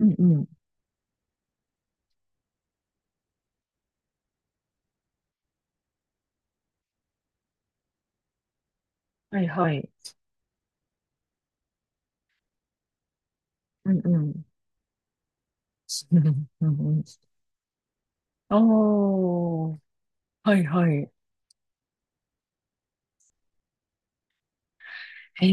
うんうん。はいはい。うんうん。うんうんうん。ああ、はいはい。え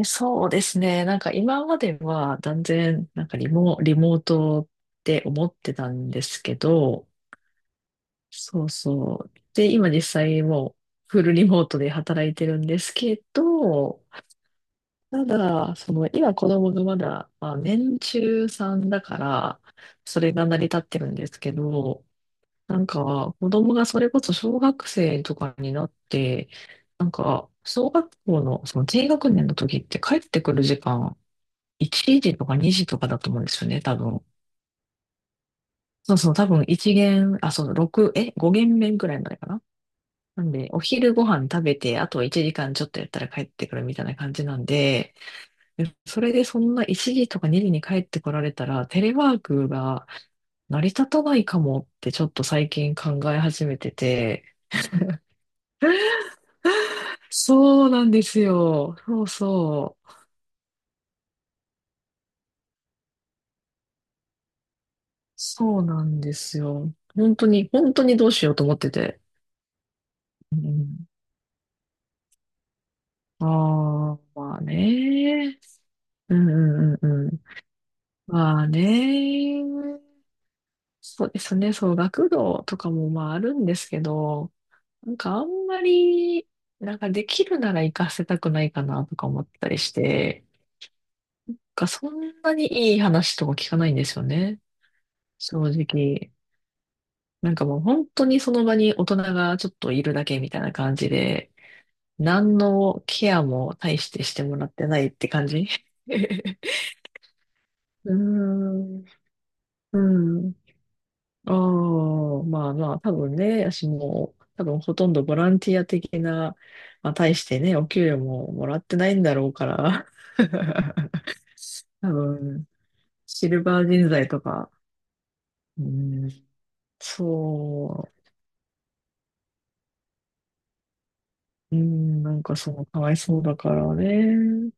え、そうですね。なんか今までは断然、なんかリモートって思ってたんですけど、そうそう。で、今実際もうフルリモートで働いてるんですけど、ただ、その今子供がまだ、まあ、年中さんだから、それが成り立ってるんですけど、なんか、子供がそれこそ小学生とかになって、なんか、小学校のその低学年の時って帰ってくる時間、1時とか2時とかだと思うんですよね、多分。そうそう、多分1限、あ、そう、6、5限目ぐらいまでかな。なんで、お昼ご飯食べて、あと1時間ちょっとやったら帰ってくるみたいな感じなんで、でそれでそんな1時とか2時に帰ってこられたら、テレワークが成り立たないかもってちょっと最近考え始めてて、そうなんですよ。そうそう。そうなんですよ。本当に、本当にどうしようと思ってて。うん、ああ、まあね。うんうんうんうん。まあね。そうですね。そう、学童とかもまああるんですけど、なんかあんまり、なんかできるなら行かせたくないかなとか思ったりして、なんかそんなにいい話とか聞かないんですよね。正直。なんかもう本当にその場に大人がちょっといるだけみたいな感じで、何のケアも大してしてもらってないって感じ。 うーん、うん。ああ、まあまあ、多分ね、私も、多分ほとんどボランティア的な、まあ、大してね、お給料ももらってないんだろうから、多分、シルバー人材とか、うん、そう、うん、なんかそう、かわいそうだからね。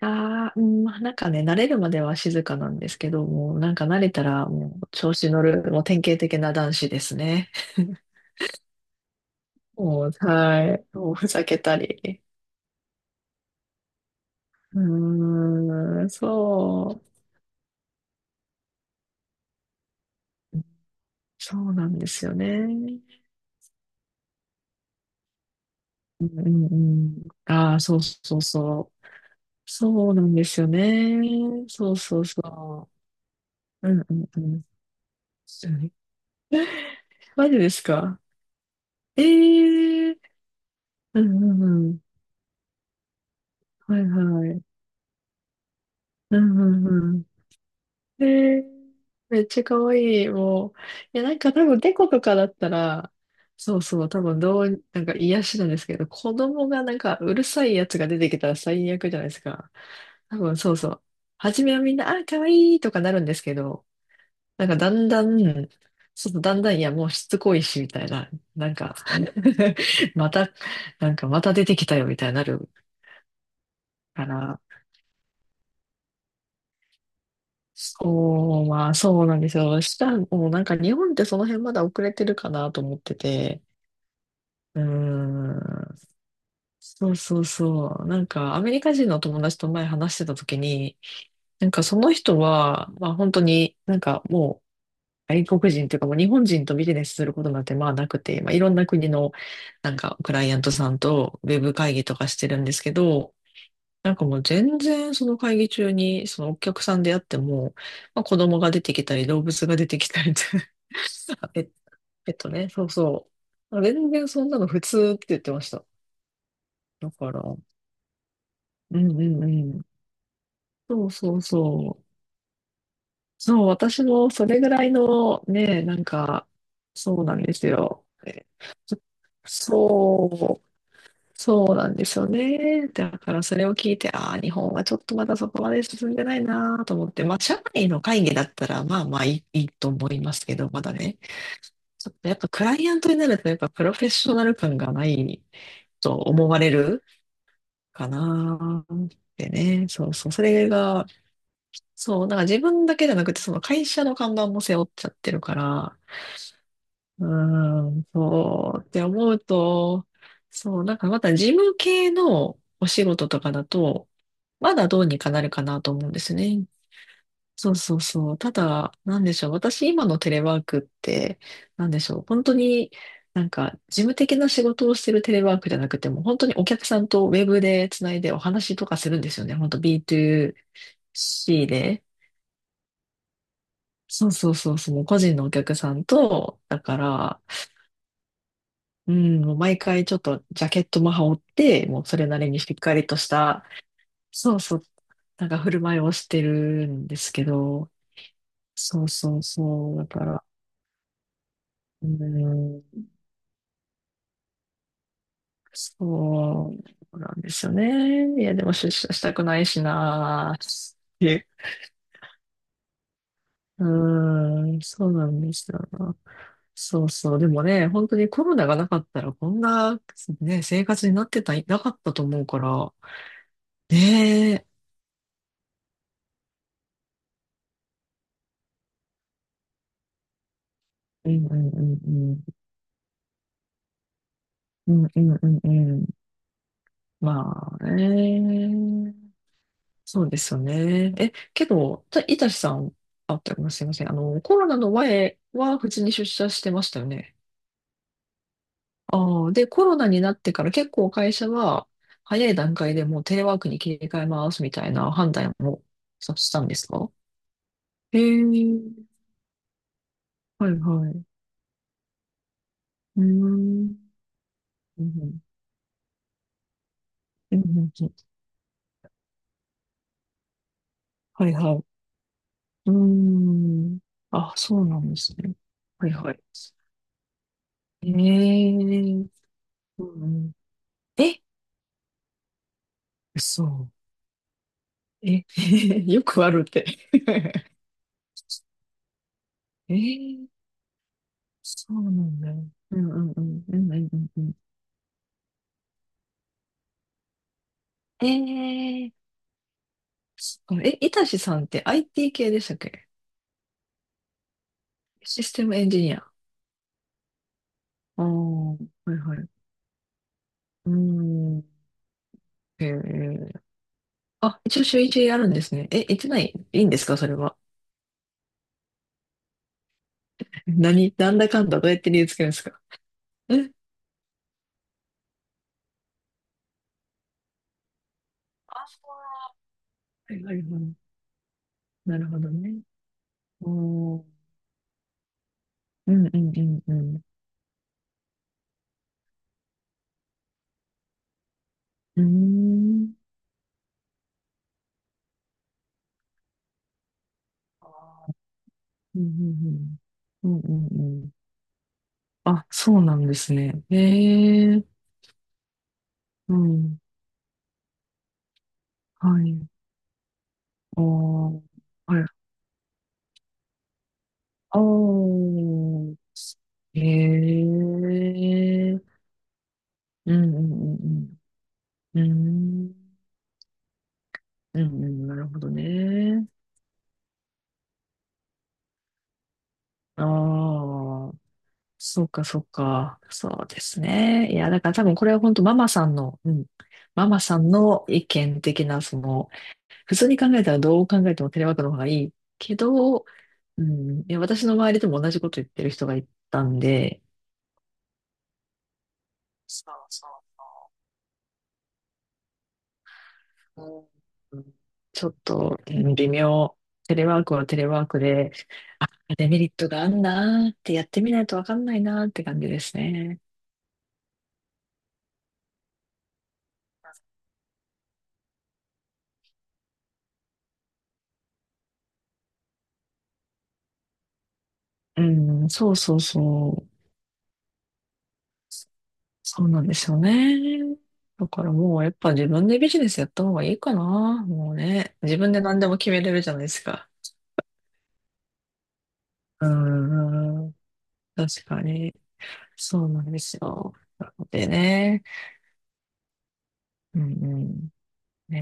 ああ、うん、まあ、なんかね、慣れるまでは静かなんですけど、もうなんか慣れたらもう調子乗る、もう典型的な男子ですね。もう、はい。もうふざけたり。うーん、そう。そうなんですよね。うんうん。ああ、そうそうそう。そうなんですよね。そうそうそう。うんうんうん。マジですか？ええー。うんうんうん。はいはい。うんうんうん。ねえ、めっちゃ可愛い、もう。いや、なんか多分、猫とかだったら、そうそう、多分、どう、なんか癒しなんですけど、子供がなんか、うるさいやつが出てきたら最悪じゃないですか。多分、そうそう。初めはみんな、あ、可愛いとかなるんですけど、なんかだんだん、そうそう、だんだん、いや、もうしつこいし、みたいな、なんか また、なんかまた出てきたよ、みたいになるから、そう、まあ、そうなんですよ。したら、もうなんか日本ってその辺まだ遅れてるかなと思ってて。うーん。そうそうそう。なんかアメリカ人の友達と前話してた時に、なんかその人は、まあ本当になんかもう外国人というかもう日本人とビジネスすることなんてまあなくて、まあいろんな国のなんかクライアントさんとウェブ会議とかしてるんですけど、なんかもう全然その会議中にそのお客さんであっても、まあ、子供が出てきたり動物が出てきたりって ペッ、ペットね、そうそう。全然そんなの普通って言ってました。だから、うんうんうん。そうそうそう。そう、私もそれぐらいのね、なんか、そうなんですよ。そうそうなんですよね。だからそれを聞いて、ああ、日本はちょっとまだそこまで進んでないなと思って、まあ、社内の会議だったら、まあまあいいと思いますけど、まだね、ちょっとやっぱクライアントになると、やっぱプロフェッショナル感がないと思われるかなってね、そうそう、それが、そう、なんか自分だけじゃなくて、その会社の看板も背負っちゃってるから、うーん、そうって思うと、そう、なんかまた事務系のお仕事とかだと、まだどうにかなるかなと思うんですね。そうそうそう。ただ、なんでしょう。私、今のテレワークって、なんでしょう。本当になんか、事務的な仕事をしてるテレワークじゃなくても、本当にお客さんとウェブでつないでお話とかするんですよね。本当 B2C で。そうそうそうそう。個人のお客さんと、だから、うん、もう毎回ちょっとジャケットも羽織って、もうそれなりにしっかりとした、そうそう、なんか振る舞いをしてるんですけど、そうそうそう。だから、うーん、そうなんですよね。いや、でも出社したくないしな。え、うーん、そうなんですよな。そうそう。でもね、本当にコロナがなかったら、こんな、ね、生活になってた、なかったと思うから、ねえ、うんうんうんうん、うんうんうんうん、まあね。そうですよね。けど、たいたしさん、あ、とごめんすいません。コロナの前は普通に出社してましたよね。ああ、で、コロナになってから結構会社は早い段階でもうテレワークに切り替えますみたいな判断をさしたんですか？へえ、はいはい。うーん。うんうん、うんうんうん、はいはい。うーん。あ、そうなんですね。はいはい。ええ、うんうん。え、嘘。え、よくあるって。えー、そうなんだ。うんうんうんうんうんうんうん。そっか。いたしさんって IT 系でしたっけ？システムエンジニア？ああ、はいはい。うーん。えー、あ、一応週一やるんですね。行ってない、いいんですか、それは？何、なんだかんだどうやって理由つけるんですか？え、あ、はいはいはい。なるほどね。おー、うんうんうんうん。うーん。うんうんうん。うんうんうん。あ、そうなんですね。へえ、うん。はい。ああ、はい。ああ、へえ、うんうんうんうん。うん。うんうん、なるほどね。ああ、そうかそうか。そうですね。いや、だから多分これは本当ママさんの、うん。ママさんの意見的な、その、普通に考えたらどう考えてもテレワークの方がいいけど、うん。いや、私の周りでも同じこと言ってる人がいたんで、そうそう。うん、ちょっと、うん、微妙。テレワークはテレワークで、あ、デメリットがあんなーってやってみないとわかんないなーって感じですね。うん、そうそうそう。そうなんですよね。だからもうやっぱ自分でビジネスやった方がいいかな。もうね。自分で何でも決めれるじゃないですか。うん、確かに。そうなんですよ。なのでね。うんうん。